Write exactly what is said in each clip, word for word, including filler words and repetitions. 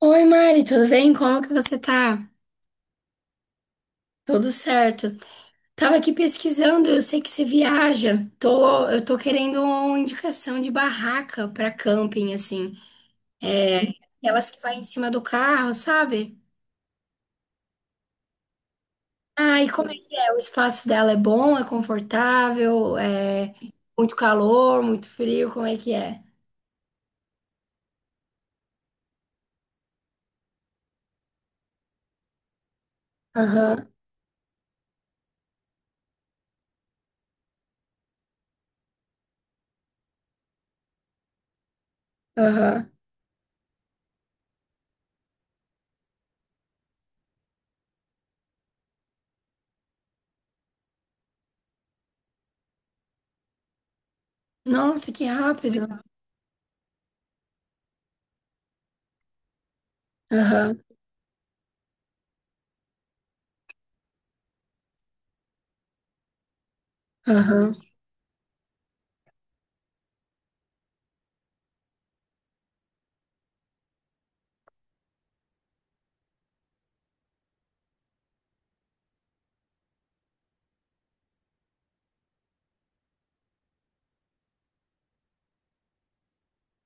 Oi, Mari, tudo bem? Como que você tá? Tudo certo. Tava aqui pesquisando, eu sei que você viaja. Tô, eu tô querendo uma indicação de barraca pra camping, assim. É, aquelas que vai em cima do carro, sabe? Ah, e como é que é? O espaço dela é bom, é confortável, é muito calor, muito frio, como é que é? Aham, aham. Nossa, que rápido. Aham, aham.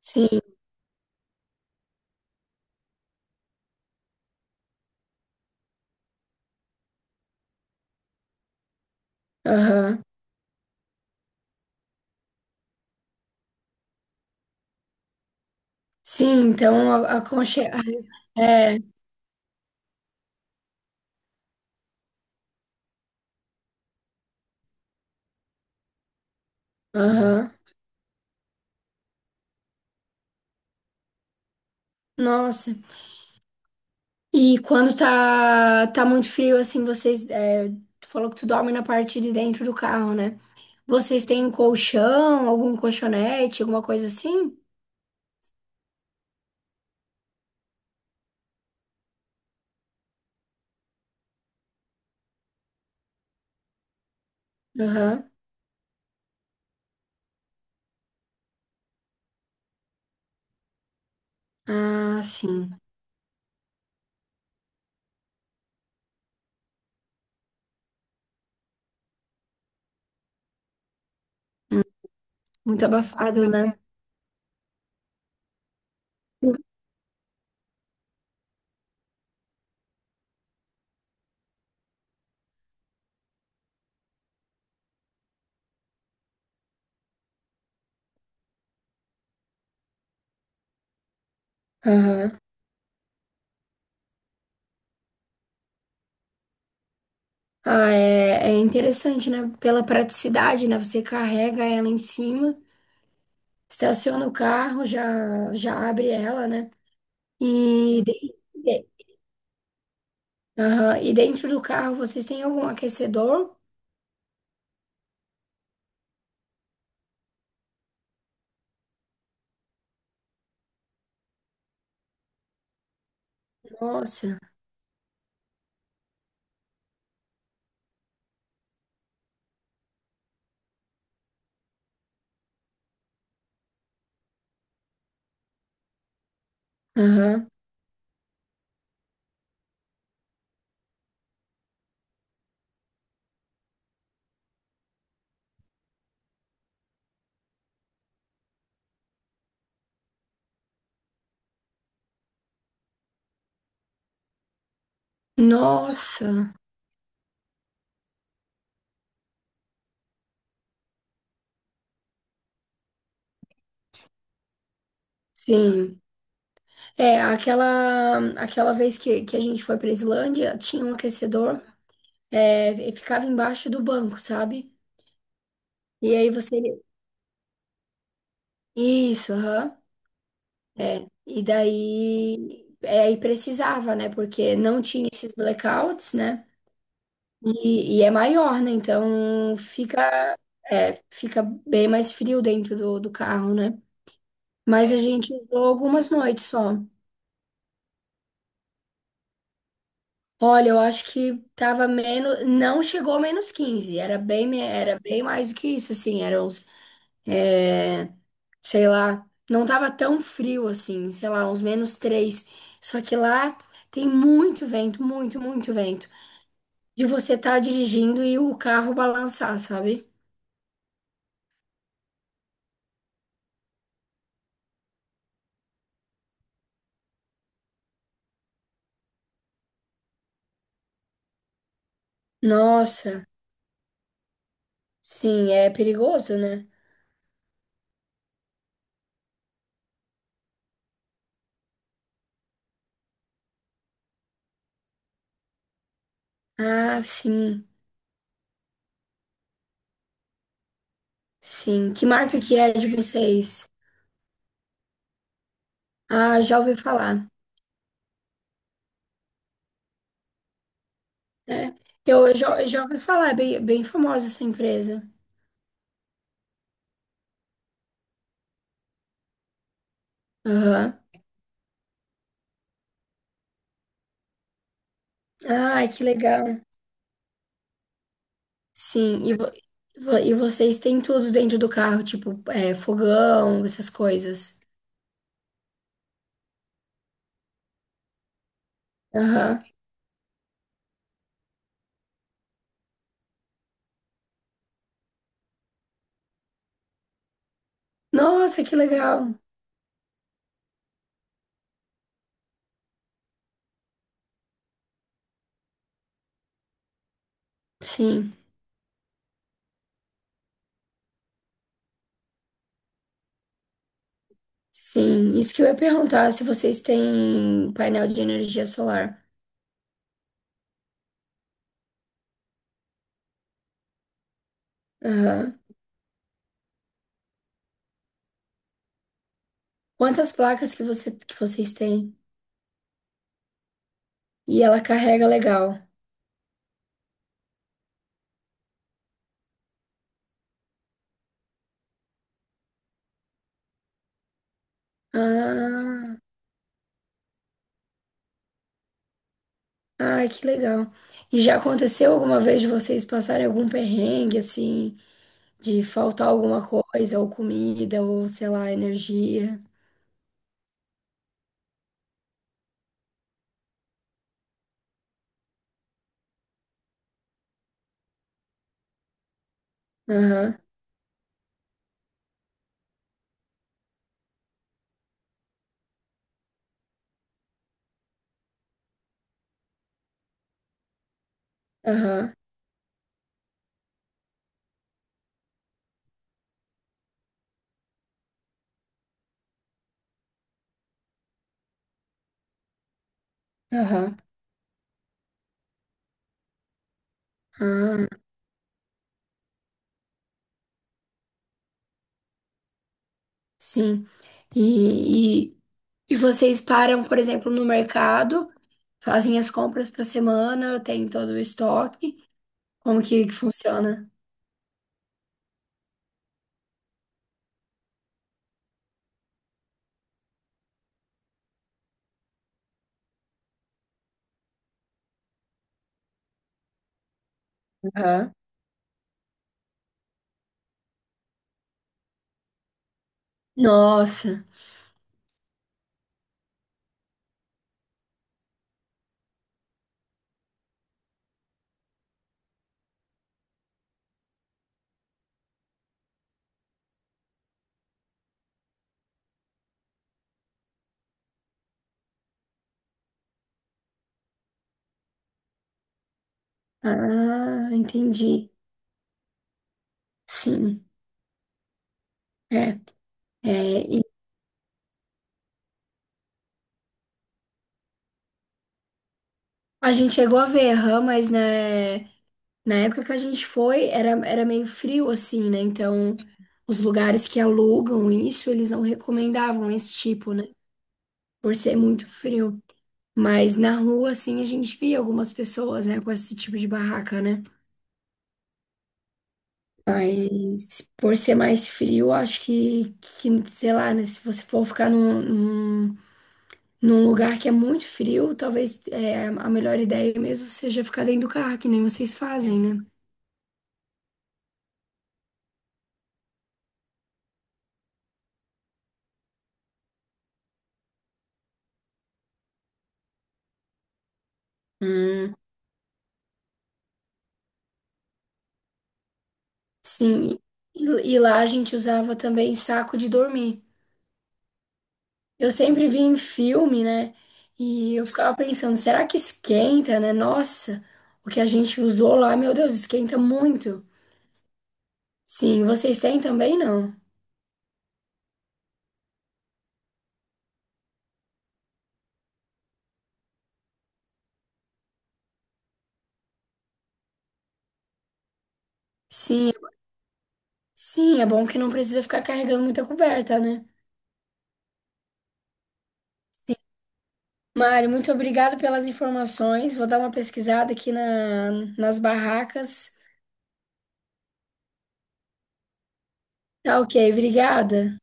Sim, aham. Sim, então a, a conche- aham. Nossa. E quando tá, tá muito frio, assim, vocês. é, tu falou que tu dorme na parte de dentro do carro, né? Vocês têm um colchão, algum colchonete, alguma coisa assim? Aham. Ah, sim. Hum. Muito abafado, né? Aham. Ah, é, é interessante, né? Pela praticidade, né? Você carrega ela em cima, estaciona o carro, já, já abre ela, né? E, de- de- aham. E dentro do carro vocês têm algum aquecedor? Nossa, aham. Nossa, sim. É, aquela, aquela vez que, que a gente foi pra Islândia, tinha um aquecedor, é, e ficava embaixo do banco, sabe? E aí você. Isso, aham. É. E daí. É, aí precisava, né? Porque não tinha esses blackouts, né? E, e é maior, né? Então fica, é, fica bem mais frio dentro do, do carro, né? Mas a gente usou algumas noites só. Olha, eu acho que tava menos, não chegou a menos quinze, era bem, me- era bem mais do que isso, assim, era uns, é, sei lá, não tava tão frio assim, sei lá, uns menos três. Só que lá tem muito vento, muito, muito vento, de você tá dirigindo e o carro balançar, sabe? Nossa, sim, é perigoso, né? Ah, sim, sim, que marca que é de vocês? Ah, já ouvi falar. É. Eu eu já, eu já ouvi falar, é bem, bem famosa essa empresa. Aham. Ai, que legal. Sim, e, vo- vo- e vocês têm tudo dentro do carro, tipo, é, fogão, essas coisas. Aham. Nossa, que legal. Sim, sim. Isso que eu ia perguntar, se vocês têm painel de energia solar. Aham. Quantas placas que você, que vocês têm? E ela carrega legal. Ah. Ai, que legal. E já aconteceu alguma vez de vocês passarem algum perrengue, assim, de faltar alguma coisa, ou comida, ou sei lá, energia? Aham, aham, aham. Ah, sim. E, e, e vocês param, por exemplo, no mercado, fazem as compras para semana, tem todo o estoque. Como que, que funciona? Aham. Nossa. Ah, entendi. Sim. É, é, e a gente chegou a ver, aham, mas né. Na época que a gente foi, era, era meio frio assim, né? Então, os lugares que alugam isso, eles não recomendavam esse tipo, né? Por ser muito frio. Mas na rua, assim, a gente via algumas pessoas, né, com esse tipo de barraca, né? Mas por ser mais frio, acho que, que sei lá, né? Se você for ficar num, num, num lugar que é muito frio, talvez é, a melhor ideia mesmo seja ficar dentro do carro, que nem vocês fazem, né? Hum. Sim, e, e lá a gente usava também saco de dormir. Eu sempre via em filme, né? E eu ficava pensando, será que esquenta, né? Nossa, o que a gente usou lá, meu Deus, esquenta muito. Sim, vocês têm também, não? Sim, sim, é bom que não precisa ficar carregando muita coberta, né? Sim. Mário, muito obrigado pelas informações. Vou dar uma pesquisada aqui na, nas barracas. Tá ok, obrigada.